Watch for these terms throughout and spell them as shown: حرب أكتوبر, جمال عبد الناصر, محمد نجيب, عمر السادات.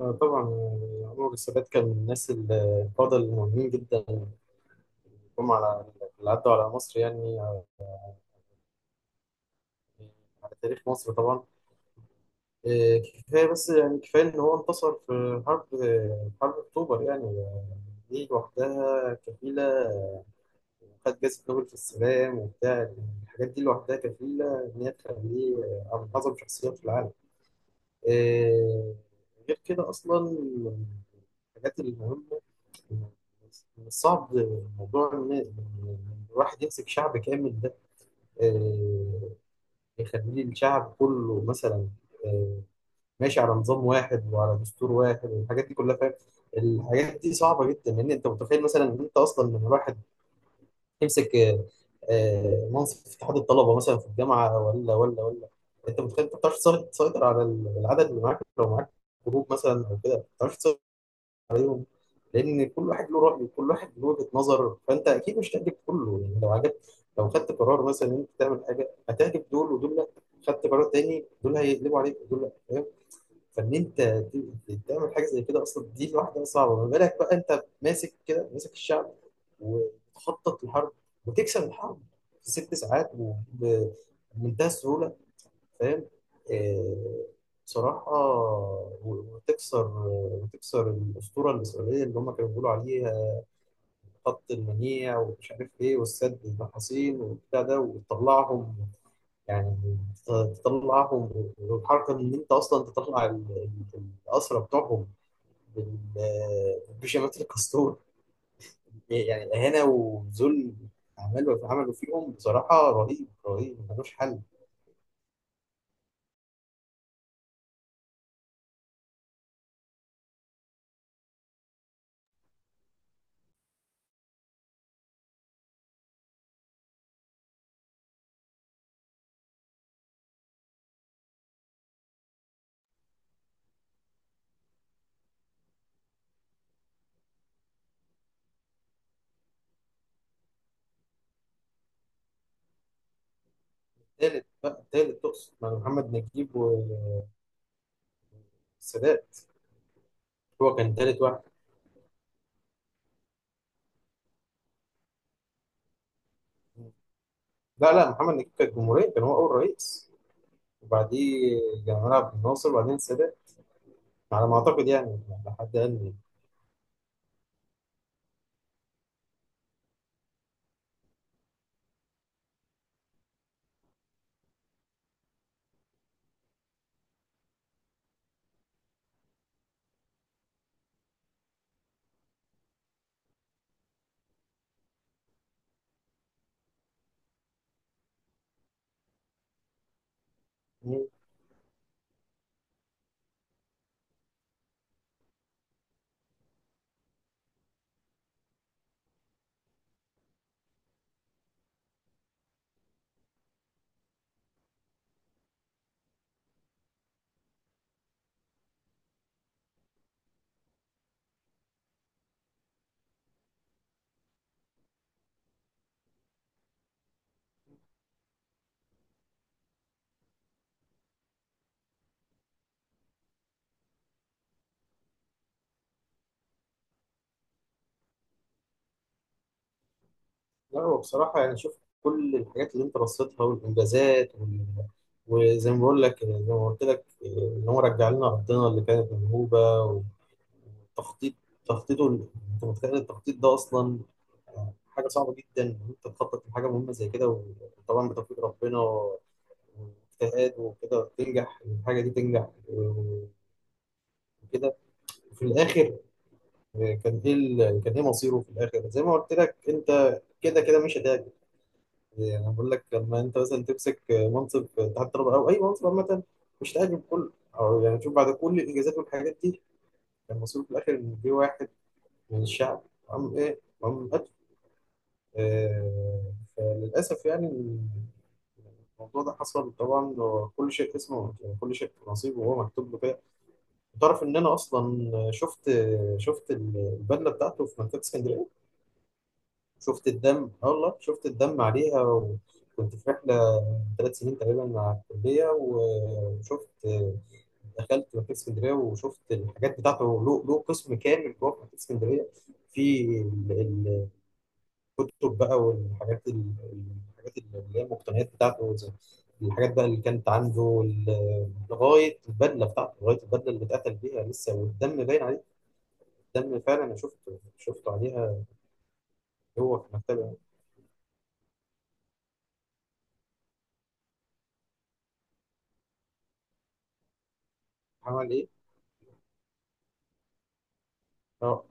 طبعا يعني عمر السادات كان من الناس القادة المهمين جدا. جم على اللي عدوا على مصر، يعني على تاريخ مصر طبعا. كفاية بس يعني كفاية إن هو انتصر في حرب حرب أكتوبر، يعني دي لوحدها كفيلة، وخد جائزة نوبل في السلام وبتاع الحاجات دي لوحدها كفيلة إن هي تخليه من أعظم شخصيات في العالم. آه، غير كده أصلا الحاجات المهمة، صعب موضوع إن الواحد يمسك شعب كامل ده، آه، يخليه الشعب كله مثلا آه، ماشي على نظام واحد وعلى دستور واحد والحاجات دي كلها، فاهم. الحاجات دي صعبة جدا، لأن أنت متخيل مثلا إن أنت أصلا لما الواحد يمسك منصب في اتحاد الطلبة مثلا في الجامعة ولا. أنت متخيل أنت ما بتعرفش تسيطر على العدد اللي معاك، لو معاك جروب مثلا أو كده ما بتعرفش تسيطر عليهم، لان كل واحد له راي وكل واحد له وجهه نظر، فانت اكيد مش هتعجب كله، يعني لو عجبت، لو خدت قرار مثلا ان انت تعمل حاجه هتعجب دول ودول لا، خدت قرار تاني دول هيقلبوا عليك ودول لا، فاهم. فان انت تعمل حاجه زي كده اصلا دي لوحدها صعبه، ما بالك بقى انت ماسك كده ماسك الشعب، وتخطط الحرب وتكسب الحرب في 6 ساعات وبمنتهى السهوله، فاهم. آه، بصراحة وتكسر الأسطورة الإسرائيلية اللي هم كانوا بيقولوا عليها خط المنيع ومش عارف إيه والسد النحاسين والبتاع ده، وتطلعهم يعني ت- تطلعهم، والحركة إن أنت أصلا تطلع الأسرى بتوعهم بشماتة الكاستور، يعني إهانة وذل، عملوا فيهم بصراحة، رهيب رهيب ملوش حل. تالت بقى، تالت تقصد مع محمد نجيب، السادات هو كان تالت واحد. لا لا، محمد نجيب كان جمهورية، كان هو أول رئيس، وبعديه جمال عبد الناصر وبعدين السادات، على ما أعتقد يعني، على حد علمي. مم. لا، هو بصراحة يعني شوف، كل الحاجات اللي أنت رصيتها والإنجازات وال... وزي ما بقول لك، زي ما قلت لك إن هو رجع لنا أرضنا اللي كانت منهوبة، والتخطيط، تخطيطه ال- أنت متخيل التخطيط ده أصلا حاجة صعبة جدا، إن أنت تخطط لحاجة مهمة زي كده وطبعا بتوفيق ربنا واجتهاد وكده، وتنجح الحاجة دي تنجح وكده. وفي الآخر، كان إيه مصيره في الآخر؟ زي ما قلت لك أنت، كده كده مش هتعجب، يعني أنا بقول لك لما أنت مثلا تمسك منصب تحت الطلبة أو أي منصب عامة مش هتعجب كله، أو يعني شوف، بعد كل الإنجازات والحاجات دي كان مصيره في الآخر إن في واحد من الشعب قام إيه، قام قتله. فللأسف يعني الموضوع ده حصل طبعا، وكل شيء اسمه يعني كل شيء نصيبه وهو مكتوب له كده. تعرف ان انا اصلا شفت، شفت البدله بتاعته في مكتبه اسكندريه، شفت الدم، اه والله شفت الدم عليها، وكنت في رحله 3 سنين تقريبا مع الكليه، وشفت، دخلت مكتبه اسكندريه وشفت الحاجات بتاعته، له قسم كامل جوه في مكتبه اسكندريه، في الكتب بقى، والحاجات الحاجات اللي هي المقتنيات بتاعته، زي الحاجات بقى اللي كانت عنده، لغايه البدله اللي اتقتل بيها لسه والدم باين، ده اللي فعلا انا شفته عليها، هو في المكتبه. عمل ايه؟ اه.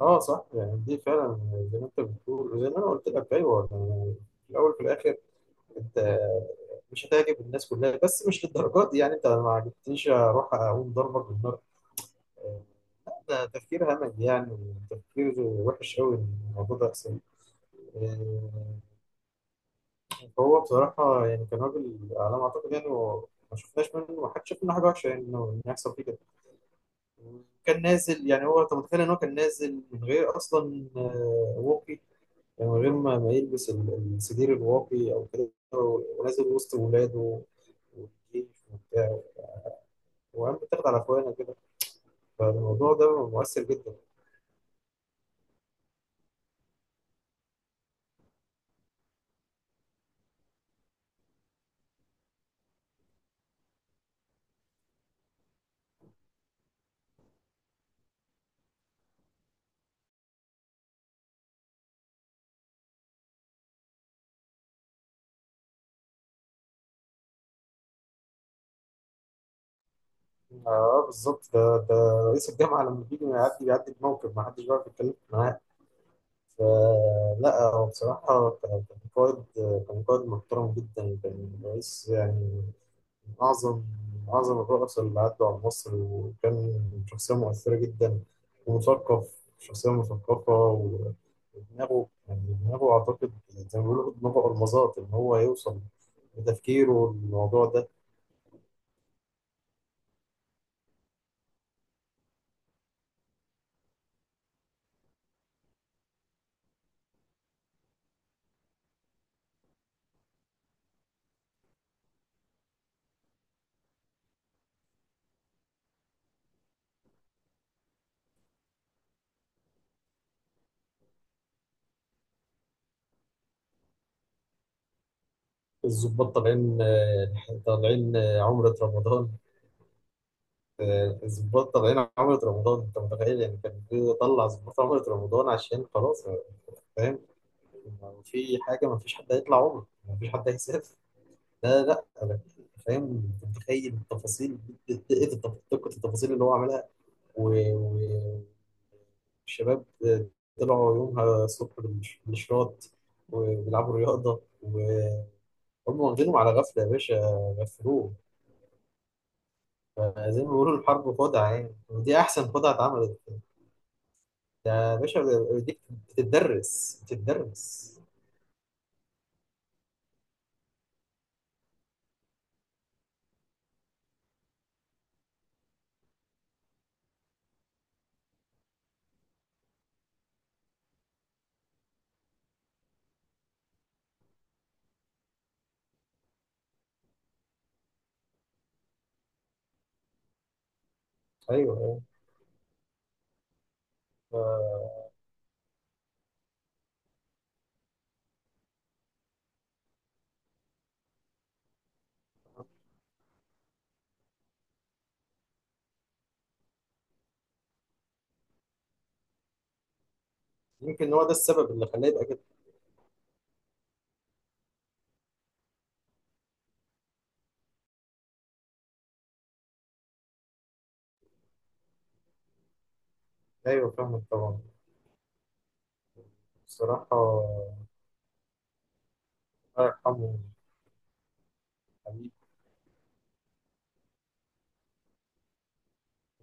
اه صح، يعني دي فعلا زي ما انت بتقول وزي ما انا قلت لك، ايوه يعني، في الاول وفي الاخر انت مش هتعجب الناس كلها، بس مش للدرجات دي، يعني انت ما عجبتنيش اروح اقوم ضربك بالنار. آه، ده تفكير همج، يعني تفكير وحش قوي الموضوع ده اصلا. آه، فهو بصراحه يعني كان راجل، على ما اعتقد يعني، هو ما شفناش منه، ما حدش شاف منه حاجه وحشه، يعني إنه يحصل فيه كده. كان نازل يعني، هو انت متخيل ان هو كان نازل من غير اصلا واقي، يعني من غير ما يلبس السدير الواقي او كده، ونازل وسط ولاده والجيش وبتاع، وقام بيتاخد على اخوانه كده، فالموضوع ده مؤثر جدا. اه بالظبط، ده رئيس الجامعه لما بيجي بيعدي بموقف ما حدش بيعرف يتكلم معاه. فلا هو بصراحة كان قائد محترم جدا، كان رئيس يعني، من أعظم، الرؤساء اللي عدوا على مصر، وكان شخصية مؤثرة جدا، ومثقف، شخصية مثقفة ودماغه، يعني دماغه أعتقد زي ما بيقولوا دماغه ألمظات، إن هو يوصل بتفكيره الموضوع ده. الضباط طالعين، عمرة رمضان، ظباط طالعين عملة رمضان، انت متخيل يعني كان بيطلع ظباط عملة رمضان عشان خلاص، فاهم. لو في حاجة ما فيش حد هيطلع عمره، ما فيش حد هيسافر. لا لا، انا فاهم. انت متخيل التفاصيل، دقة التفاصيل اللي هو عملها و- و- والشباب طلعوا يومها الصبح بالشراط وبيلعبوا رياضة، وهم واخدينهم على غفلة، يا باشا غفلوه. فزي ما بيقولوا الحرب خدعة، يعني ودي أحسن خدعة اتعملت، ده يا باشا، دي بتتدرس بتتدرس. ايوه ايوه، ف- يمكن هو ده السبب اللي خلاه يبقى كده. ايوه فاهمك طبعا، بصراحه. الله يرحمه. حبيبي،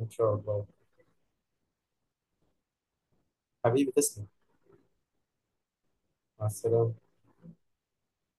ان شاء الله. حبيبي، تسلم. مع السلامه.